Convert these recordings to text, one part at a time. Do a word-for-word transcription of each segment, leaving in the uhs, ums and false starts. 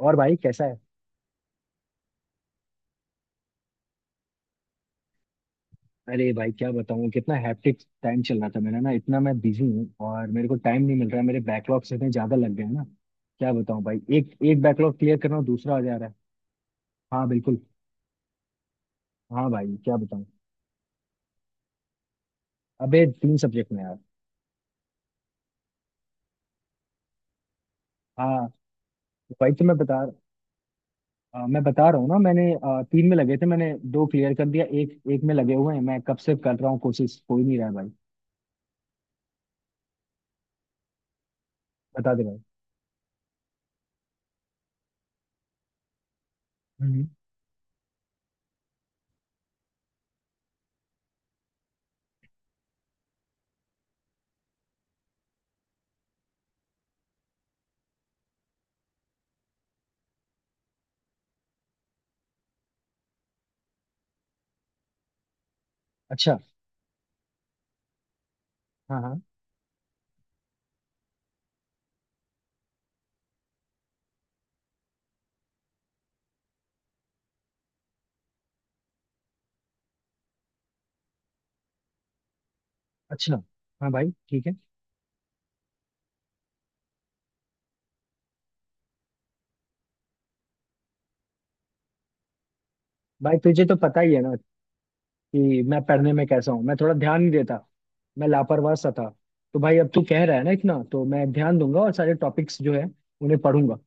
और भाई कैसा है। अरे भाई, क्या बताऊँ कितना हैप्टिक टाइम चल रहा था मेरा ना। इतना मैं बिजी हूँ और मेरे को टाइम नहीं मिल रहा है। मेरे बैकलॉग्स इतने ज्यादा लग गए हैं ना। क्या बताऊँ भाई, एक एक बैकलॉग क्लियर कर रहा हूँ, दूसरा आ जा रहा है। हाँ बिल्कुल। हाँ भाई क्या बताऊँ। अबे तीन सब्जेक्ट में यार। हाँ भाई। तो मैं बता आ, मैं बता रहा हूँ ना, मैंने आ, तीन में लगे थे, मैंने दो क्लियर कर दिया, एक एक में लगे हुए हैं। मैं कब से कर रहा हूँ, कोशिश हो ही नहीं रहा है भाई। बता दे भाई। हम्म। अच्छा। हाँ हाँ। अच्छा। हाँ भाई ठीक है। भाई तुझे तो पता ही है ना कि मैं पढ़ने में कैसा हूँ। मैं थोड़ा ध्यान नहीं देता, मैं लापरवाह सा था। तो भाई अब तू कह रहा है ना, इतना तो मैं ध्यान दूंगा और सारे टॉपिक्स जो है उन्हें पढ़ूंगा।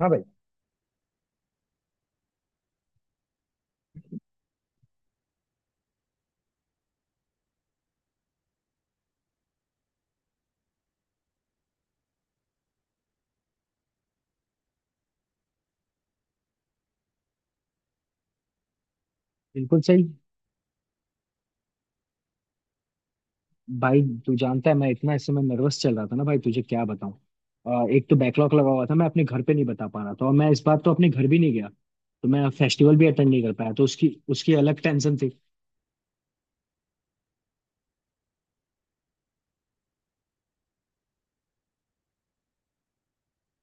हाँ भाई। बिल्कुल सही। भाई तू जानता है मैं इतना इस समय नर्वस चल रहा था ना भाई, तुझे क्या बताऊँ। अ, एक तो बैकलॉग लगा हुआ था, मैं अपने घर पे नहीं बता पा रहा था, और मैं इस बार तो अपने घर भी नहीं गया, तो मैं फेस्टिवल भी अटेंड नहीं कर पाया, तो उसकी उसकी अलग टेंशन थी।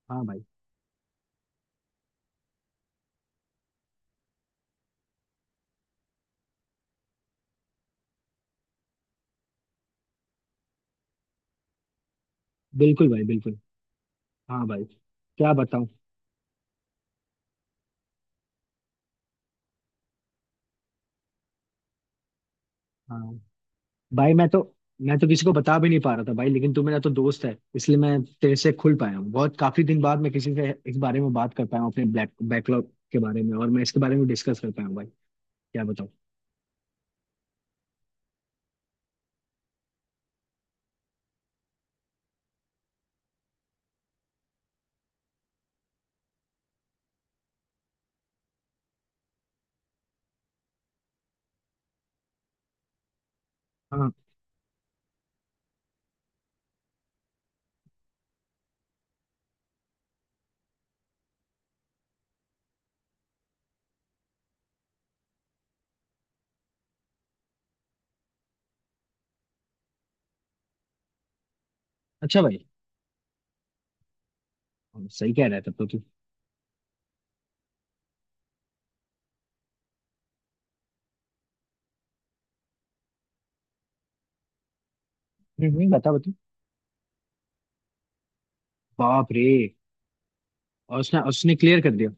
हाँ भाई। बिल्कुल भाई बिल्कुल। हाँ भाई क्या बताऊँ। हाँ भाई। मैं तो मैं तो किसी को बता भी नहीं पा रहा था भाई, लेकिन तू मेरा तो दोस्त है इसलिए मैं तेरे से खुल पाया हूँ। बहुत काफी दिन बाद मैं किसी से इस बारे में बात कर पाया हूँ, अपने ब्लैक बैकलॉग के बारे में, और मैं इसके बारे में डिस्कस कर पाया हूँ भाई। क्या बताऊँ। हाँ। अच्छा भाई। हाँ, सही कह रहा है तब तो तू। हम्म हम्म, बता बता। बाप रे। और उसने उसने क्लियर कर दिया?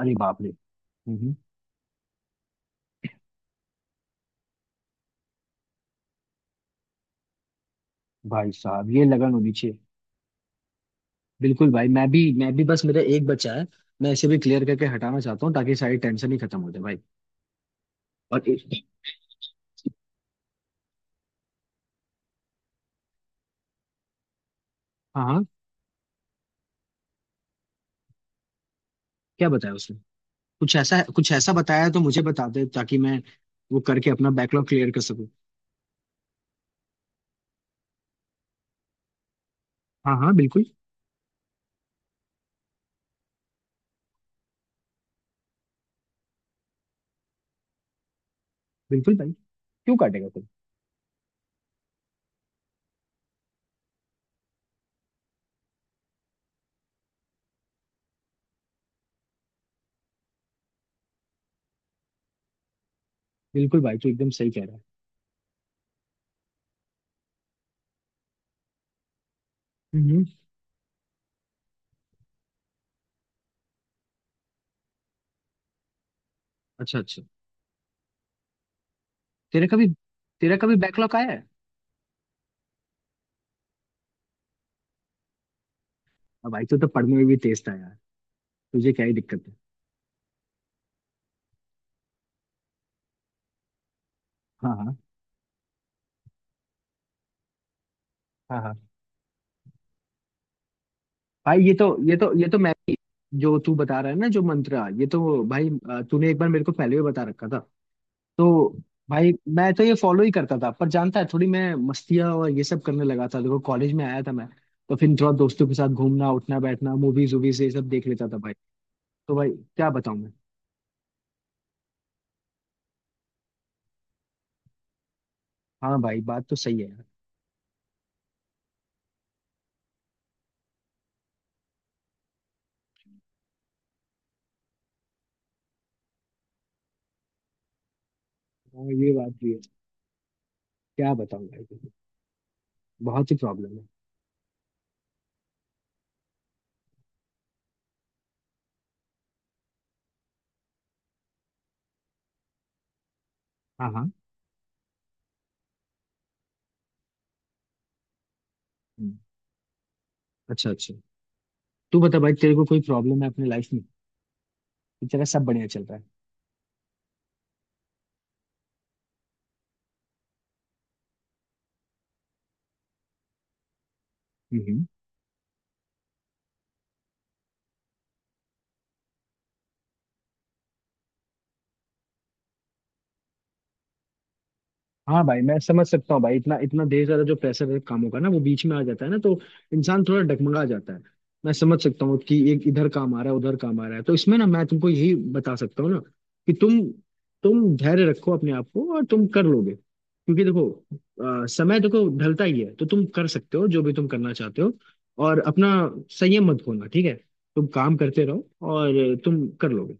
अरे बाप रे। हम्म हम्म। भाई साहब ये लगन होनी चाहिए। बिल्कुल भाई। मैं भी मैं भी बस, मेरा एक बच्चा है, मैं इसे भी क्लियर करके हटाना चाहता हूँ ताकि सारी टेंशन ही खत्म हो जाए भाई। और एक- हाँ हाँ। क्या बताया उसने? कुछ ऐसा कुछ ऐसा बताया है तो मुझे बता दे, ताकि मैं वो करके अपना बैकलॉग क्लियर कर सकूं। हाँ हाँ बिल्कुल। बिल्कुल भाई। क्यों काटेगा कोई। बिल्कुल भाई तू एकदम सही कह रहा है। हम्म। अच्छा अच्छा। तेरा कभी, तेरा कभी बैकलॉग आया है? अब भाई तू तो पढ़ने में भी तेज था यार, तुझे क्या ही दिक्कत है। हाँ हाँ। हाँ हाँ। भाई ये तो ये तो ये तो मैं, जो तू बता रहा है ना, जो मंत्र, ये तो भाई अ, तूने एक बार मेरे को पहले भी बता रखा था। तो भाई मैं तो ये फॉलो ही करता था, पर जानता है थोड़ी मैं मस्तियाँ और ये सब करने लगा था। देखो कॉलेज में आया था मैं, तो फिर थोड़ा दोस्तों के साथ घूमना उठना बैठना, मूवीज वूवीज ये सब देख लेता था भाई। तो भाई क्या बताऊं मैं। हाँ भाई बात तो सही है यार। हाँ ये बात भी है। क्या बताऊं भाई, बहुत ही प्रॉब्लम है। हाँ हाँ। हम्म, अच्छा अच्छा। तू बता भाई, तेरे को कोई प्रॉब्लम है अपनी लाइफ में, कि तेरा सब बढ़िया चल रहा है? हम्म हम्म। हाँ भाई मैं समझ सकता हूँ भाई। इतना इतना देर, ज्यादा जो प्रेशर है कामों का ना, वो बीच में आ जाता है ना, तो इंसान थोड़ा डगमगा जाता है। मैं समझ सकता हूँ कि एक इधर काम आ रहा है, उधर काम आ रहा है, तो इसमें ना मैं तुमको यही बता सकता हूँ ना कि तुम तुम धैर्य रखो अपने आप को और तुम कर लोगे, क्योंकि देखो अ, समय देखो ढलता ही है, तो तुम कर सकते हो जो भी तुम करना चाहते हो। और अपना संयम मत खोना, ठीक है। तुम काम करते रहो और तुम कर लोगे।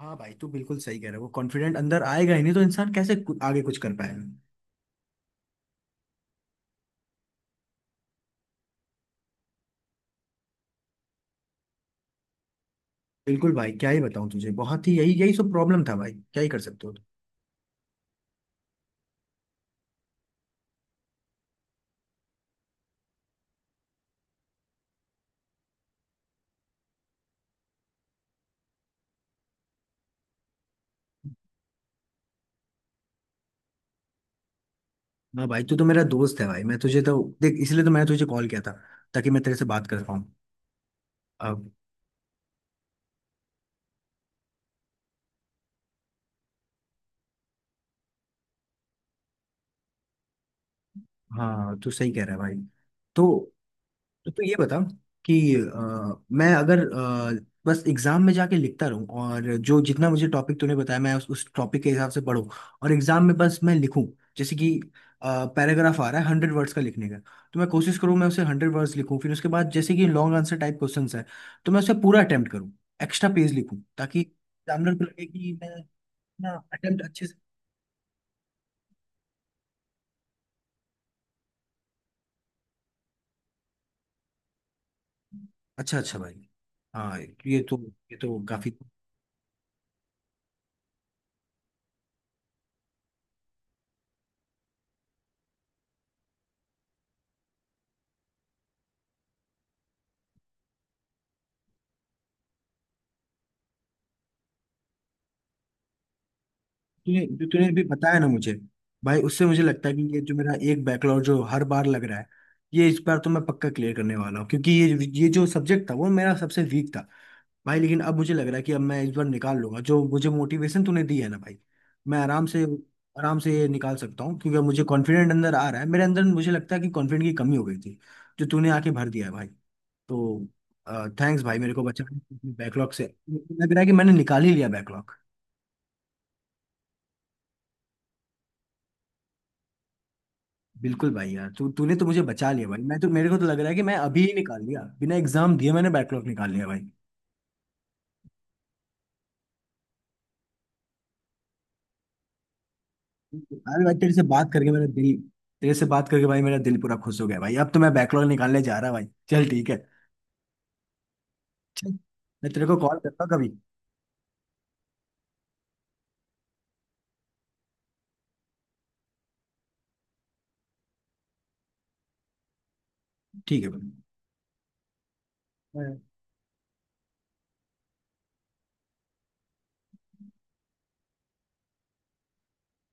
हाँ भाई तू बिल्कुल सही कह रहा है। वो कॉन्फिडेंट अंदर आएगा ही नहीं तो इंसान कैसे कु- आगे कुछ कर पाएगा। बिल्कुल भाई, क्या ही बताऊं तुझे, बहुत ही यही यही सब प्रॉब्लम था भाई, क्या ही कर सकते हो तुम। हाँ भाई तू तो मेरा दोस्त है भाई, मैं तुझे तो देख, इसलिए तो मैंने तुझे कॉल किया था, ताकि मैं तेरे से बात कर पाऊँ। अब हाँ, तू सही कह रहा है भाई। तो तो तो ये बता कि अ, मैं अगर अ, बस एग्जाम में जाके लिखता रहूं, और जो जितना मुझे टॉपिक तूने बताया मैं उस उस टॉपिक के हिसाब से पढूं, और एग्जाम में बस मैं लिखूं, जैसे कि पैराग्राफ आ रहा है हंड्रेड वर्ड्स का लिखने का, तो मैं कोशिश करूं मैं उसे हंड्रेड वर्ड्स लिखूं। फिर उसके बाद जैसे कि लॉन्ग आंसर टाइप क्वेश्चंस है, तो मैं उसे पूरा अटेम्प्ट करूं, एक्स्ट्रा पेज लिखूं, ताकि एग्जामिनर को लगे कि मैं ना अटेम्प्ट अच्छे से। अच्छा अच्छा भाई। हाँ, ये तो, ये तो काफी। तूने जो, तूने भी बताया ना मुझे भाई, उससे मुझे लगता है कि ये जो मेरा एक बैकलॉग जो हर बार लग रहा है, ये इस बार तो मैं पक्का क्लियर करने वाला हूँ, क्योंकि ये ये जो सब्जेक्ट था वो मेरा सबसे वीक था भाई। लेकिन अब मुझे लग रहा है कि अब मैं इस बार निकाल लूंगा। जो मुझे मोटिवेशन तूने दी है ना भाई, मैं आराम से, आराम से ये निकाल सकता हूँ, क्योंकि अब मुझे कॉन्फिडेंट अंदर आ रहा है मेरे अंदर। मुझे लगता है कि कॉन्फिडेंट की कमी हो गई थी, जो तूने आके भर दिया है भाई। तो थैंक्स भाई, मेरे को बचाने बैकलॉग से। लग रहा है कि मैंने निकाल ही लिया बैकलॉग। बिल्कुल भाई, यार तू तूने तो मुझे बचा लिया भाई। मैं तो, मेरे को तो लग रहा है कि मैं अभी ही निकाल लिया, बिना एग्जाम दिए मैंने बैकलॉग निकाल लिया भाई। अरे भाई तेरे से बात करके मेरा दिल, तेरे से बात करके भाई मेरा दिल पूरा खुश हो गया भाई। अब तो मैं बैकलॉग निकालने जा रहा भाई। चल ठीक है। चल, मैं तेरे को कॉल करता हूँ कभी। ठीक है भाई।